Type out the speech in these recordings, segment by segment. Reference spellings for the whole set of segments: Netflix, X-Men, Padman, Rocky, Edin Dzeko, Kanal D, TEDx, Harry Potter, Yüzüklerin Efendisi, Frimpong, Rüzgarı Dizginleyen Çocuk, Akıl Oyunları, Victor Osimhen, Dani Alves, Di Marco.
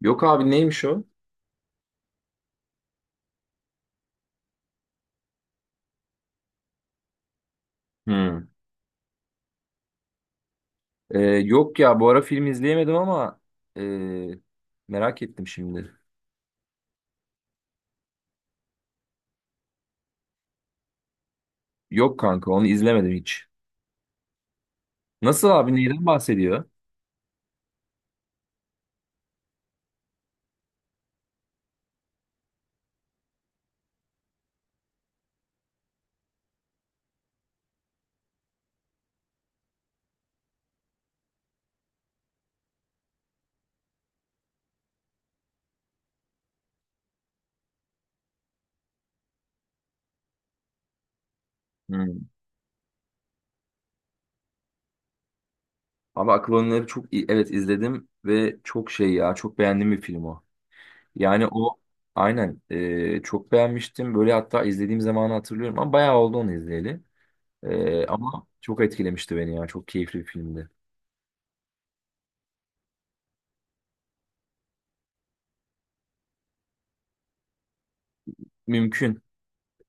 Yok abi neymiş o? Hmm. Yok ya bu ara film izleyemedim ama ee, merak ettim şimdi. Yok kanka onu izlemedim hiç. Nasıl abi neyden bahsediyor? Hmm. Abi Akıl Oyunları çok iyi. Evet izledim ve çok şey ya çok beğendiğim bir film o. Yani o aynen çok beğenmiştim. Böyle hatta izlediğim zamanı hatırlıyorum ama bayağı oldu onu izleyeli. Ama çok etkilemişti beni ya çok keyifli bir filmdi. Mümkün.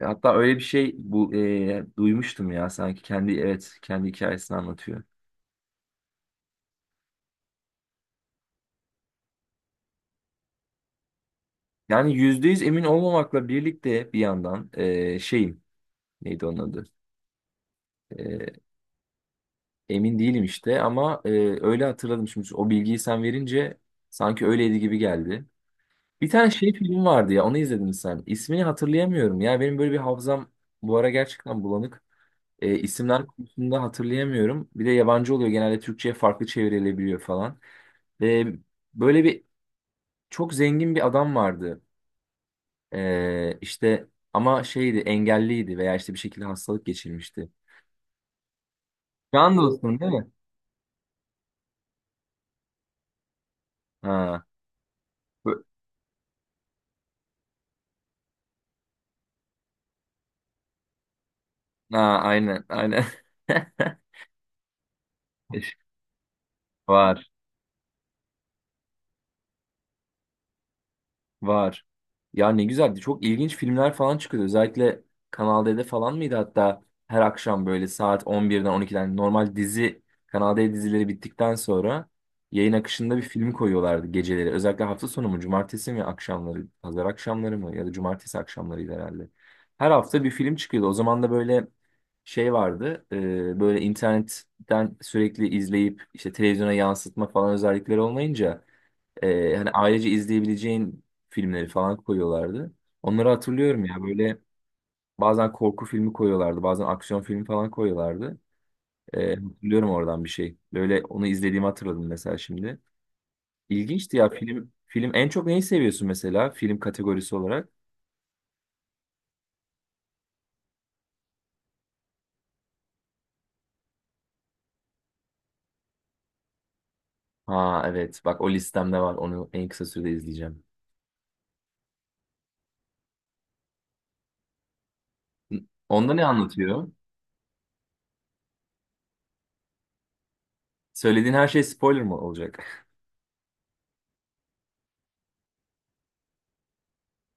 Hatta öyle bir şey bu duymuştum ya sanki kendi, evet, kendi hikayesini anlatıyor. Yani %100 emin olmamakla birlikte bir yandan şeyim, neydi onun adı? E, Emin değilim işte ama öyle hatırladım şimdi o bilgiyi sen verince, sanki öyleydi gibi geldi. Bir tane şey film vardı ya, onu izledin mi sen? İsmini hatırlayamıyorum ya, benim böyle bir hafızam bu ara gerçekten bulanık. İsimler konusunda hatırlayamıyorum. Bir de yabancı oluyor genelde, Türkçe'ye farklı çevrilebiliyor falan. E, Böyle bir çok zengin bir adam vardı. İşte ama şeydi, engelliydi veya işte bir şekilde hastalık geçirmişti. Can dostun değil mi? Ha, bu- ha aynen aynen. Var. Var. Ya ne güzeldi. Çok ilginç filmler falan çıkıyordu. Özellikle Kanal D'de falan mıydı hatta, her akşam böyle saat 11'den 12'den normal dizi Kanal D dizileri bittikten sonra yayın akışında bir film koyuyorlardı geceleri. Özellikle hafta sonu mu, cumartesi mi akşamları, pazar akşamları mı ya da cumartesi akşamlarıydı herhalde. Her hafta bir film çıkıyordu. O zaman da böyle şey vardı. Böyle internetten sürekli izleyip işte televizyona yansıtma falan özellikleri olmayınca hani ailece izleyebileceğin filmleri falan koyuyorlardı. Onları hatırlıyorum ya, böyle bazen korku filmi koyuyorlardı, bazen aksiyon filmi falan koyuyorlardı. Hatırlıyorum oradan bir şey. Böyle onu izlediğimi hatırladım mesela şimdi. İlginçti ya film. Film en çok neyi seviyorsun mesela, film kategorisi olarak? Ha evet, bak o listemde var, onu en kısa sürede izleyeceğim. Onda ne anlatıyor? Söylediğin her şey spoiler mı olacak?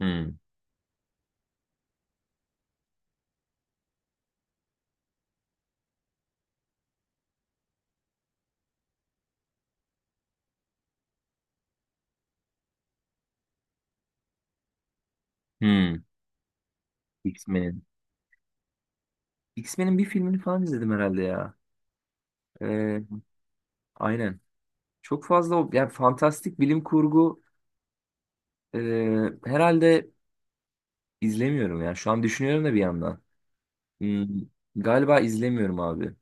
Hmm. Hmm. X-Men'in. X-Men'in bir filmini falan izledim herhalde ya. Ee, aynen. Çok fazla yani fantastik bilim kurgu e, herhalde izlemiyorum ya. Şu an düşünüyorum da bir yandan. Hmm, Galiba izlemiyorum abi.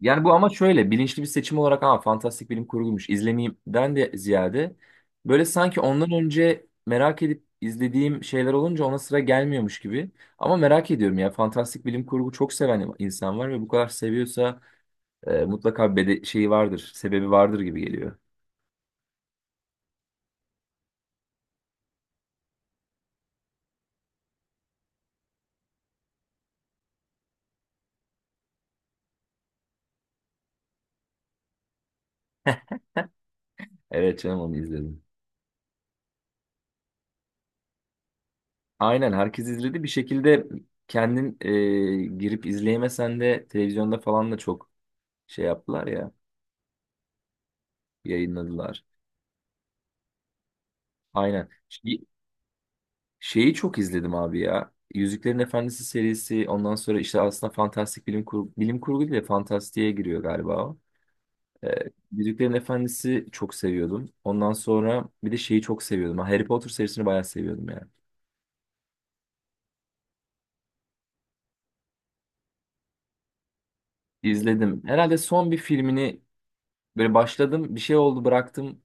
Yani bu ama şöyle, bilinçli bir seçim olarak ama fantastik bilim kurgumuş izlemeyimden de ziyade, böyle sanki ondan önce merak edip izlediğim şeyler olunca ona sıra gelmiyormuş gibi. Ama merak ediyorum ya, fantastik bilim kurgu çok seven insan var ve bu kadar seviyorsa mutlaka bede şeyi vardır, sebebi vardır gibi geliyor. Evet canım, onu izledim. Aynen, herkes izledi. Bir şekilde kendin girip izleyemesen de televizyonda falan da çok şey yaptılar ya, yayınladılar. Aynen. Şeyi çok izledim abi ya. Yüzüklerin Efendisi serisi, ondan sonra işte aslında fantastik bilim kurgu, bilim kurgu değil de fantastiğe giriyor galiba o. Ee, Yüzüklerin Efendisi çok seviyordum. Ondan sonra bir de şeyi çok seviyordum. Ha, Harry Potter serisini bayağı seviyordum yani. İzledim. Herhalde son bir filmini. Böyle başladım, bir şey oldu, bıraktım.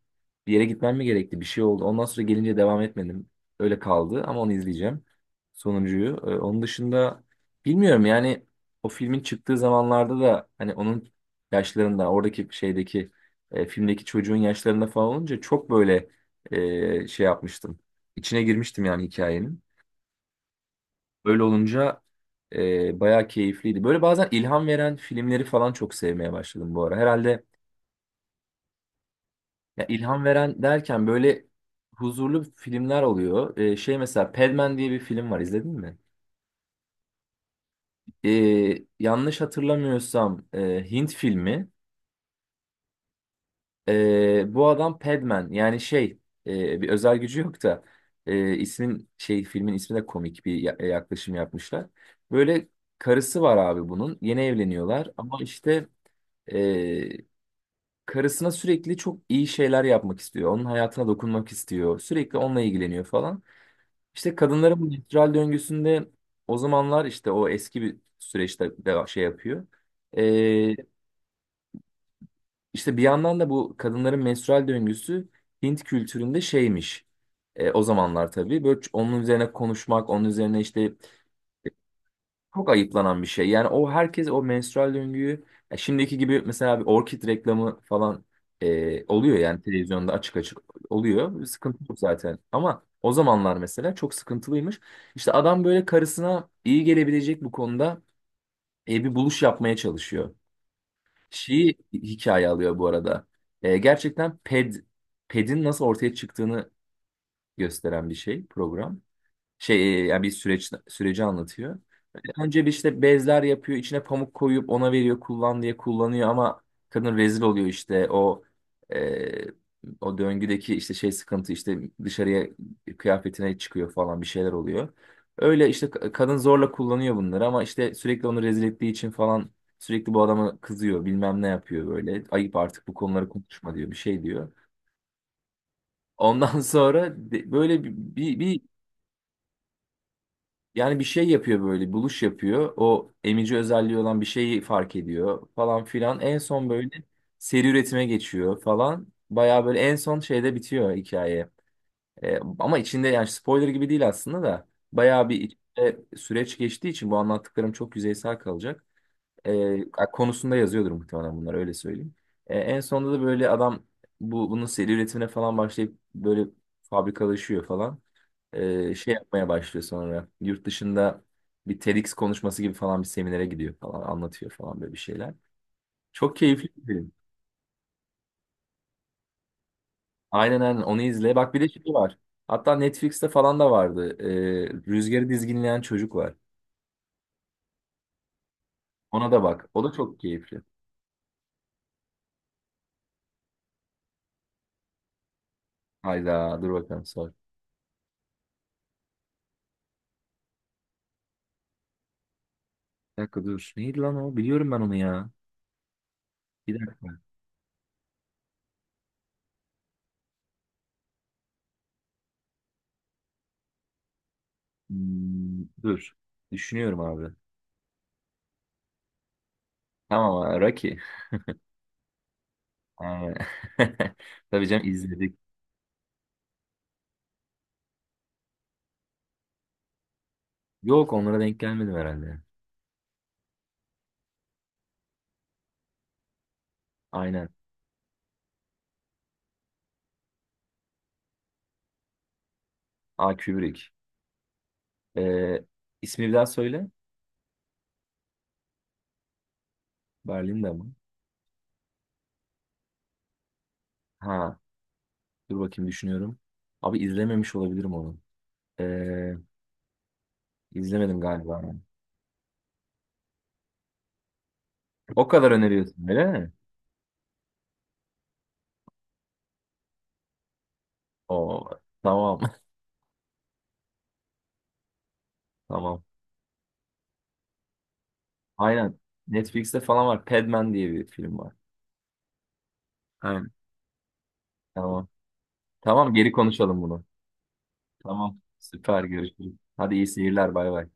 Bir yere gitmem mi gerekti? Bir şey oldu. Ondan sonra gelince devam etmedim. Öyle kaldı ama onu izleyeceğim. Sonuncuyu. Onun dışında bilmiyorum yani, o filmin çıktığı zamanlarda da hani onun yaşlarında, oradaki şeydeki filmdeki çocuğun yaşlarında falan olunca çok böyle şey yapmıştım. İçine girmiştim yani hikayenin. Öyle olunca bayağı keyifliydi. Böyle bazen ilham veren filmleri falan çok sevmeye başladım bu ara. Herhalde. Ya, ilham veren derken böyle huzurlu filmler oluyor. Şey mesela Padman diye bir film var, izledin mi? Ee, Yanlış hatırlamıyorsam Hint filmi. Bu adam Padman yani şey, bir özel gücü yok da ismin şey, filmin ismi de komik bir yaklaşım yapmışlar. Böyle karısı var abi bunun, yeni evleniyorlar ama işte e, karısına sürekli çok iyi şeyler yapmak istiyor. Onun hayatına dokunmak istiyor, sürekli onunla ilgileniyor falan. İşte kadınların bu menstrual döngüsünde, o zamanlar işte o eski bir süreçte de şey yapıyor. Ee, işte bir yandan da bu kadınların menstrual döngüsü Hint kültüründe şeymiş. O zamanlar tabii böyle onun üzerine konuşmak, onun üzerine işte. Çok ayıplanan bir şey. Yani o, herkes o menstrual döngüyü, ya şimdiki gibi mesela bir orkid reklamı falan oluyor yani televizyonda açık açık oluyor. Bir sıkıntı yok zaten. Ama o zamanlar mesela çok sıkıntılıymış. İşte adam böyle karısına iyi gelebilecek bu konuda bir buluş yapmaya çalışıyor. Şeyi hikaye alıyor bu arada. Gerçekten pedin nasıl ortaya çıktığını gösteren bir şey program yani bir süreç, süreci anlatıyor. Önce bir işte bezler yapıyor, içine pamuk koyup ona veriyor, kullan diye kullanıyor ama kadın rezil oluyor işte, e, o döngüdeki işte şey sıkıntı, işte dışarıya kıyafetine çıkıyor falan, bir şeyler oluyor. Öyle işte kadın zorla kullanıyor bunları ama işte sürekli onu rezil ettiği için falan sürekli bu adama kızıyor, bilmem ne yapıyor böyle. Ayıp artık bu konuları konuşma diyor, bir şey diyor. Ondan sonra böyle bir, bir, bir yani bir şey yapıyor böyle, buluş yapıyor. O emici özelliği olan bir şeyi fark ediyor falan filan. En son böyle seri üretime geçiyor falan. Bayağı böyle en son şeyde bitiyor hikaye. Ama içinde yani spoiler gibi değil aslında da. Bayağı bir içinde süreç geçtiği için bu anlattıklarım çok yüzeysel kalacak. Konusunda yazıyordur muhtemelen bunlar, öyle söyleyeyim. En sonunda da böyle adam bunun seri üretimine falan başlayıp böyle fabrikalaşıyor falan. Şey yapmaya başlıyor sonra. Yurt dışında bir TEDx konuşması gibi falan bir seminere gidiyor falan, anlatıyor falan böyle bir şeyler. Çok keyifli bir film. Aynen aynen, onu izle. Bak bir de şey var. Hatta Netflix'te falan da vardı. Rüzgarı Dizginleyen Çocuk var. Ona da bak. O da çok keyifli. Hayda, dur bakalım sor. Bir dakika dur. Neydi lan o? Biliyorum ben onu ya. Bir dakika. Dur. Düşünüyorum abi. Tamam ha, Rocky. Aynen. Tabii canım, izledik. Yok, onlara denk gelmedim herhalde. Aynen. Aa, Kubrick. Ee, ismi bir daha söyle. Berlin'de mi? Ha, dur bakayım, düşünüyorum. Abi izlememiş olabilirim onu. Ee, izlemedim galiba. O kadar öneriyorsun öyle mi? O tamam, tamam. Aynen. Netflix'te falan var. Padman diye bir film var. Aynen. Tamam. Tamam, geri konuşalım bunu. Tamam. Süper, görüşürüz. Hadi iyi seyirler, bay bay.